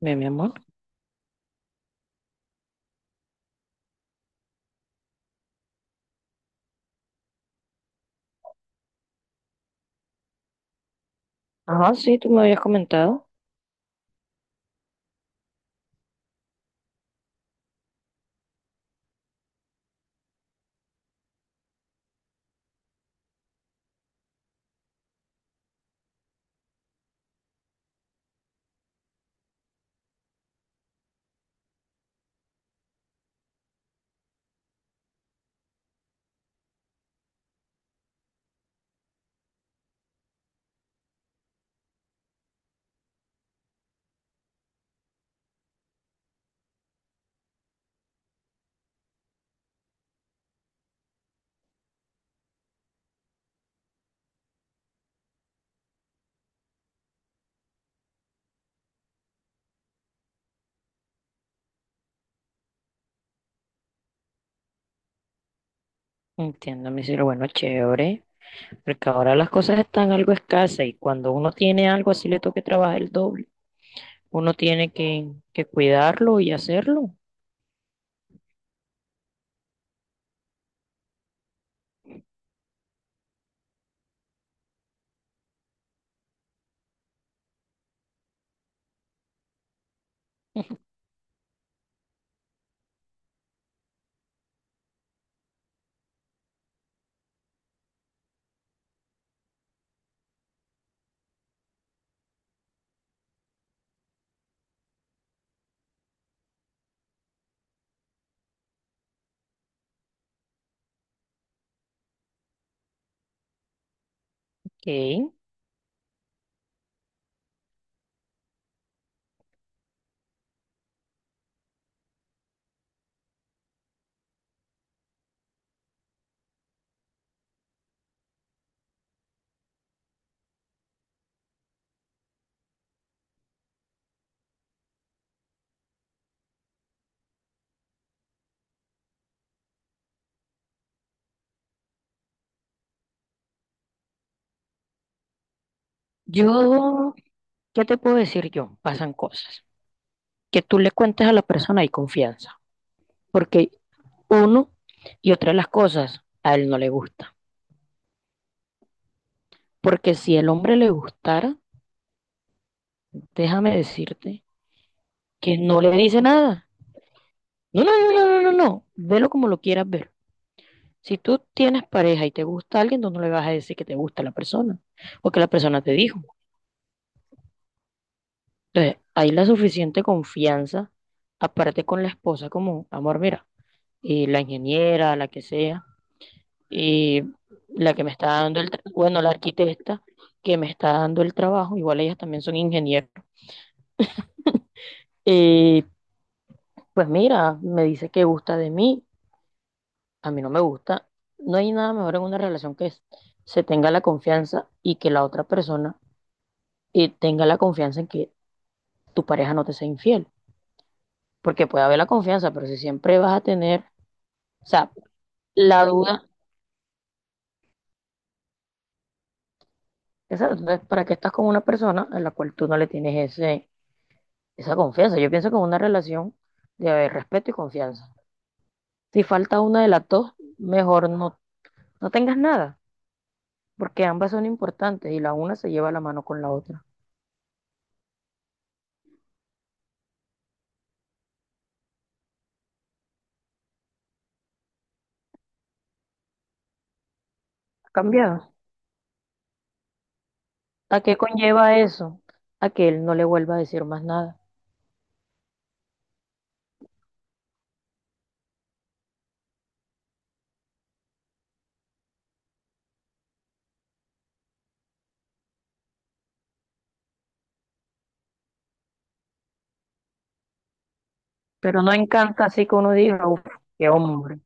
Bien, mi amor. Ajá, sí, tú me habías comentado. Entiendo, mi cielo. Bueno, chévere. Porque ahora las cosas están algo escasas y cuando uno tiene algo así le toca trabajar el doble. Uno tiene que cuidarlo y hacerlo. Ok. Yo, ¿qué te puedo decir yo? Pasan cosas. Que tú le cuentes a la persona y confianza. Porque uno y otra de las cosas a él no le gusta. Porque si el hombre le gustara, déjame decirte que no le dice nada. No, no, no, no, no, no, no. Velo como lo quieras ver. Si tú tienes pareja y te gusta alguien, tú no le vas a decir que te gusta la persona o que la persona te dijo. Entonces, hay la suficiente confianza, aparte con la esposa, como, amor, mira, y la ingeniera, la que sea, y la que me está dando el, tra- bueno, la arquitecta que me está dando el trabajo, igual ellas también son ingenieras. Eh, pues mira, me dice que gusta de mí. A mí no me gusta. No hay nada mejor en una relación que es- se tenga la confianza y que la otra persona tenga la confianza en que tu pareja no te sea infiel. Porque puede haber la confianza, pero si siempre vas a tener, o sea, la duda, esa, entonces, ¿para qué estás con una persona a la cual tú no le tienes ese, esa confianza? Yo pienso que en una relación debe haber respeto y confianza. Si falta una de las dos, mejor no, no tengas nada, porque ambas son importantes y la una se lleva la mano con la otra. ¿Has cambiado? ¿A qué conlleva eso? A que él no le vuelva a decir más nada. Pero no encanta así que uno diga, uff, qué hombre.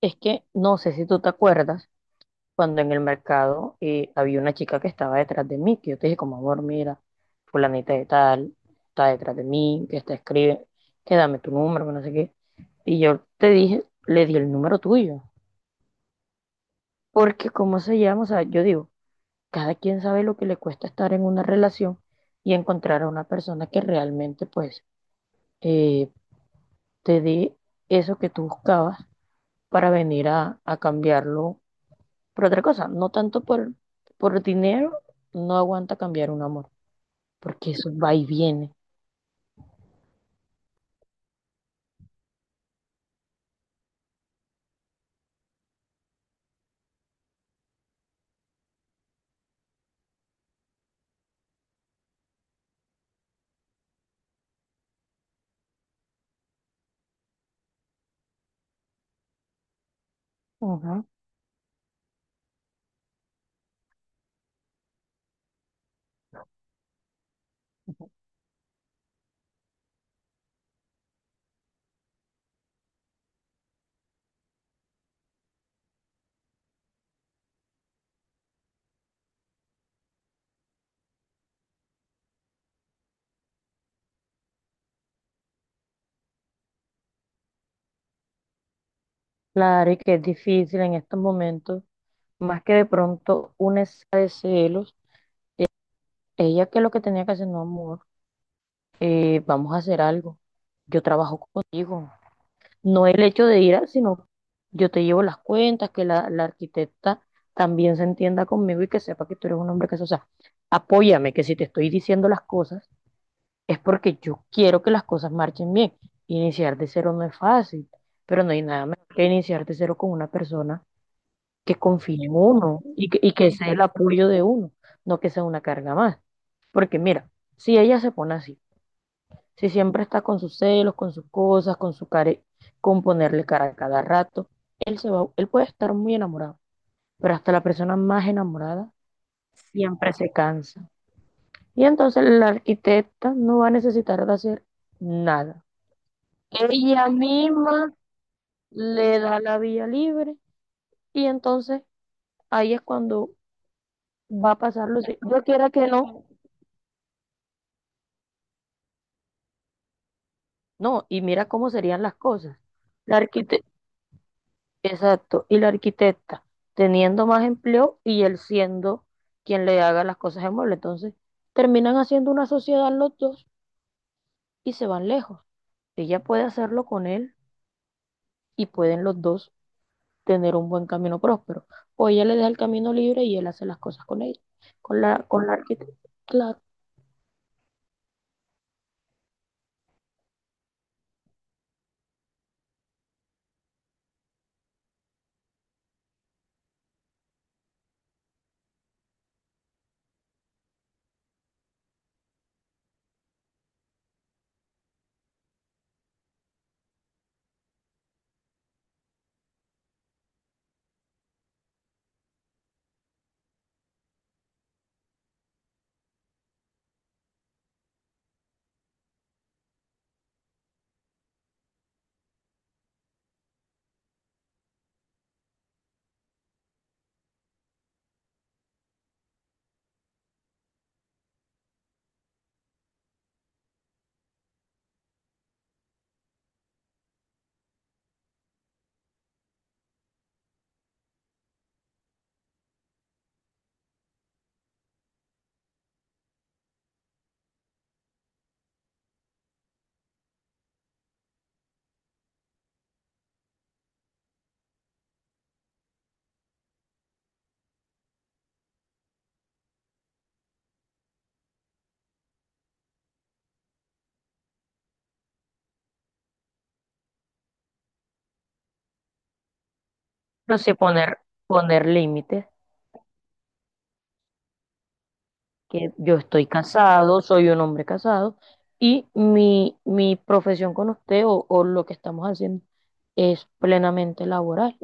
Es que no sé si tú te acuerdas cuando en el mercado había una chica que estaba detrás de mí, que yo te dije como, amor, mira, fulanita de tal, está detrás de mí, que está escribe, que dame tu número, que no sé qué. Y yo te dije, le di el número tuyo. Porque cómo se llama, o sea, yo digo, cada quien sabe lo que le cuesta estar en una relación y encontrar a una persona que realmente pues eh, te dé eso que tú buscabas para venir a cambiarlo por otra cosa, no tanto por dinero, no aguanta cambiar un amor, porque eso va y viene. Ujú. Claro, y que es difícil en estos momentos, más que de pronto una escala de celos, ella que lo que tenía que hacer, no amor, vamos a hacer algo, yo trabajo contigo. No el hecho de ir, sino yo te llevo las cuentas, que la arquitecta también se entienda conmigo y que sepa que tú eres un hombre que, o sea, apóyame, que si te estoy diciendo las cosas es porque yo quiero que las cosas marchen bien. Iniciar de cero no es fácil, pero no hay nada mejor que iniciar de cero con una persona que confíe en uno y que sea el apoyo de uno, no que sea una carga más. Porque mira, si ella se pone así, si siempre está con sus celos, con sus cosas, con su care, con ponerle cara a cada rato, él se va, él puede estar muy enamorado, pero hasta la persona más enamorada siempre se cansa. Y entonces la arquitecta no va a necesitar de hacer nada. Ella misma le da la vía libre y entonces ahí es cuando va a pasar lo que yo quiera que no. No, y mira cómo serían las cosas. La arquite- Exacto, y la arquitecta teniendo más empleo y él siendo quien le haga las cosas de mueble. Entonces, terminan haciendo una sociedad los dos y se van lejos. Ella puede hacerlo con él y pueden los dos tener un buen camino próspero. O ella le deja el camino libre y él hace las cosas con ella, con la arquitecta. Claro. No sé, poner, poner límites. Que yo estoy casado, soy un hombre casado y mi profesión con usted o lo que estamos haciendo es plenamente laboral.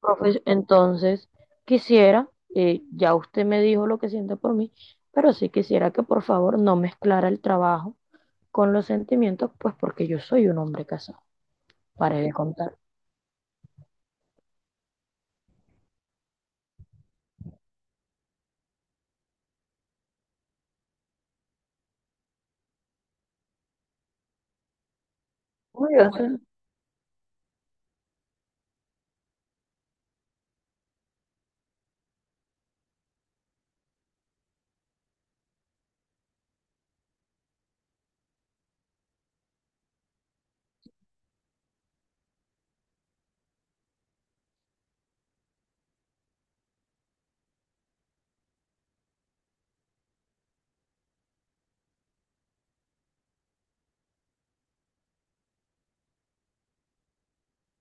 Profe- Entonces, quisiera, ya usted me dijo lo que siente por mí, pero sí quisiera que por favor no mezclara el trabajo con los sentimientos, pues porque yo soy un hombre casado, para de contar. Uy, o sea,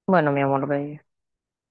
bueno, mi amor, ve.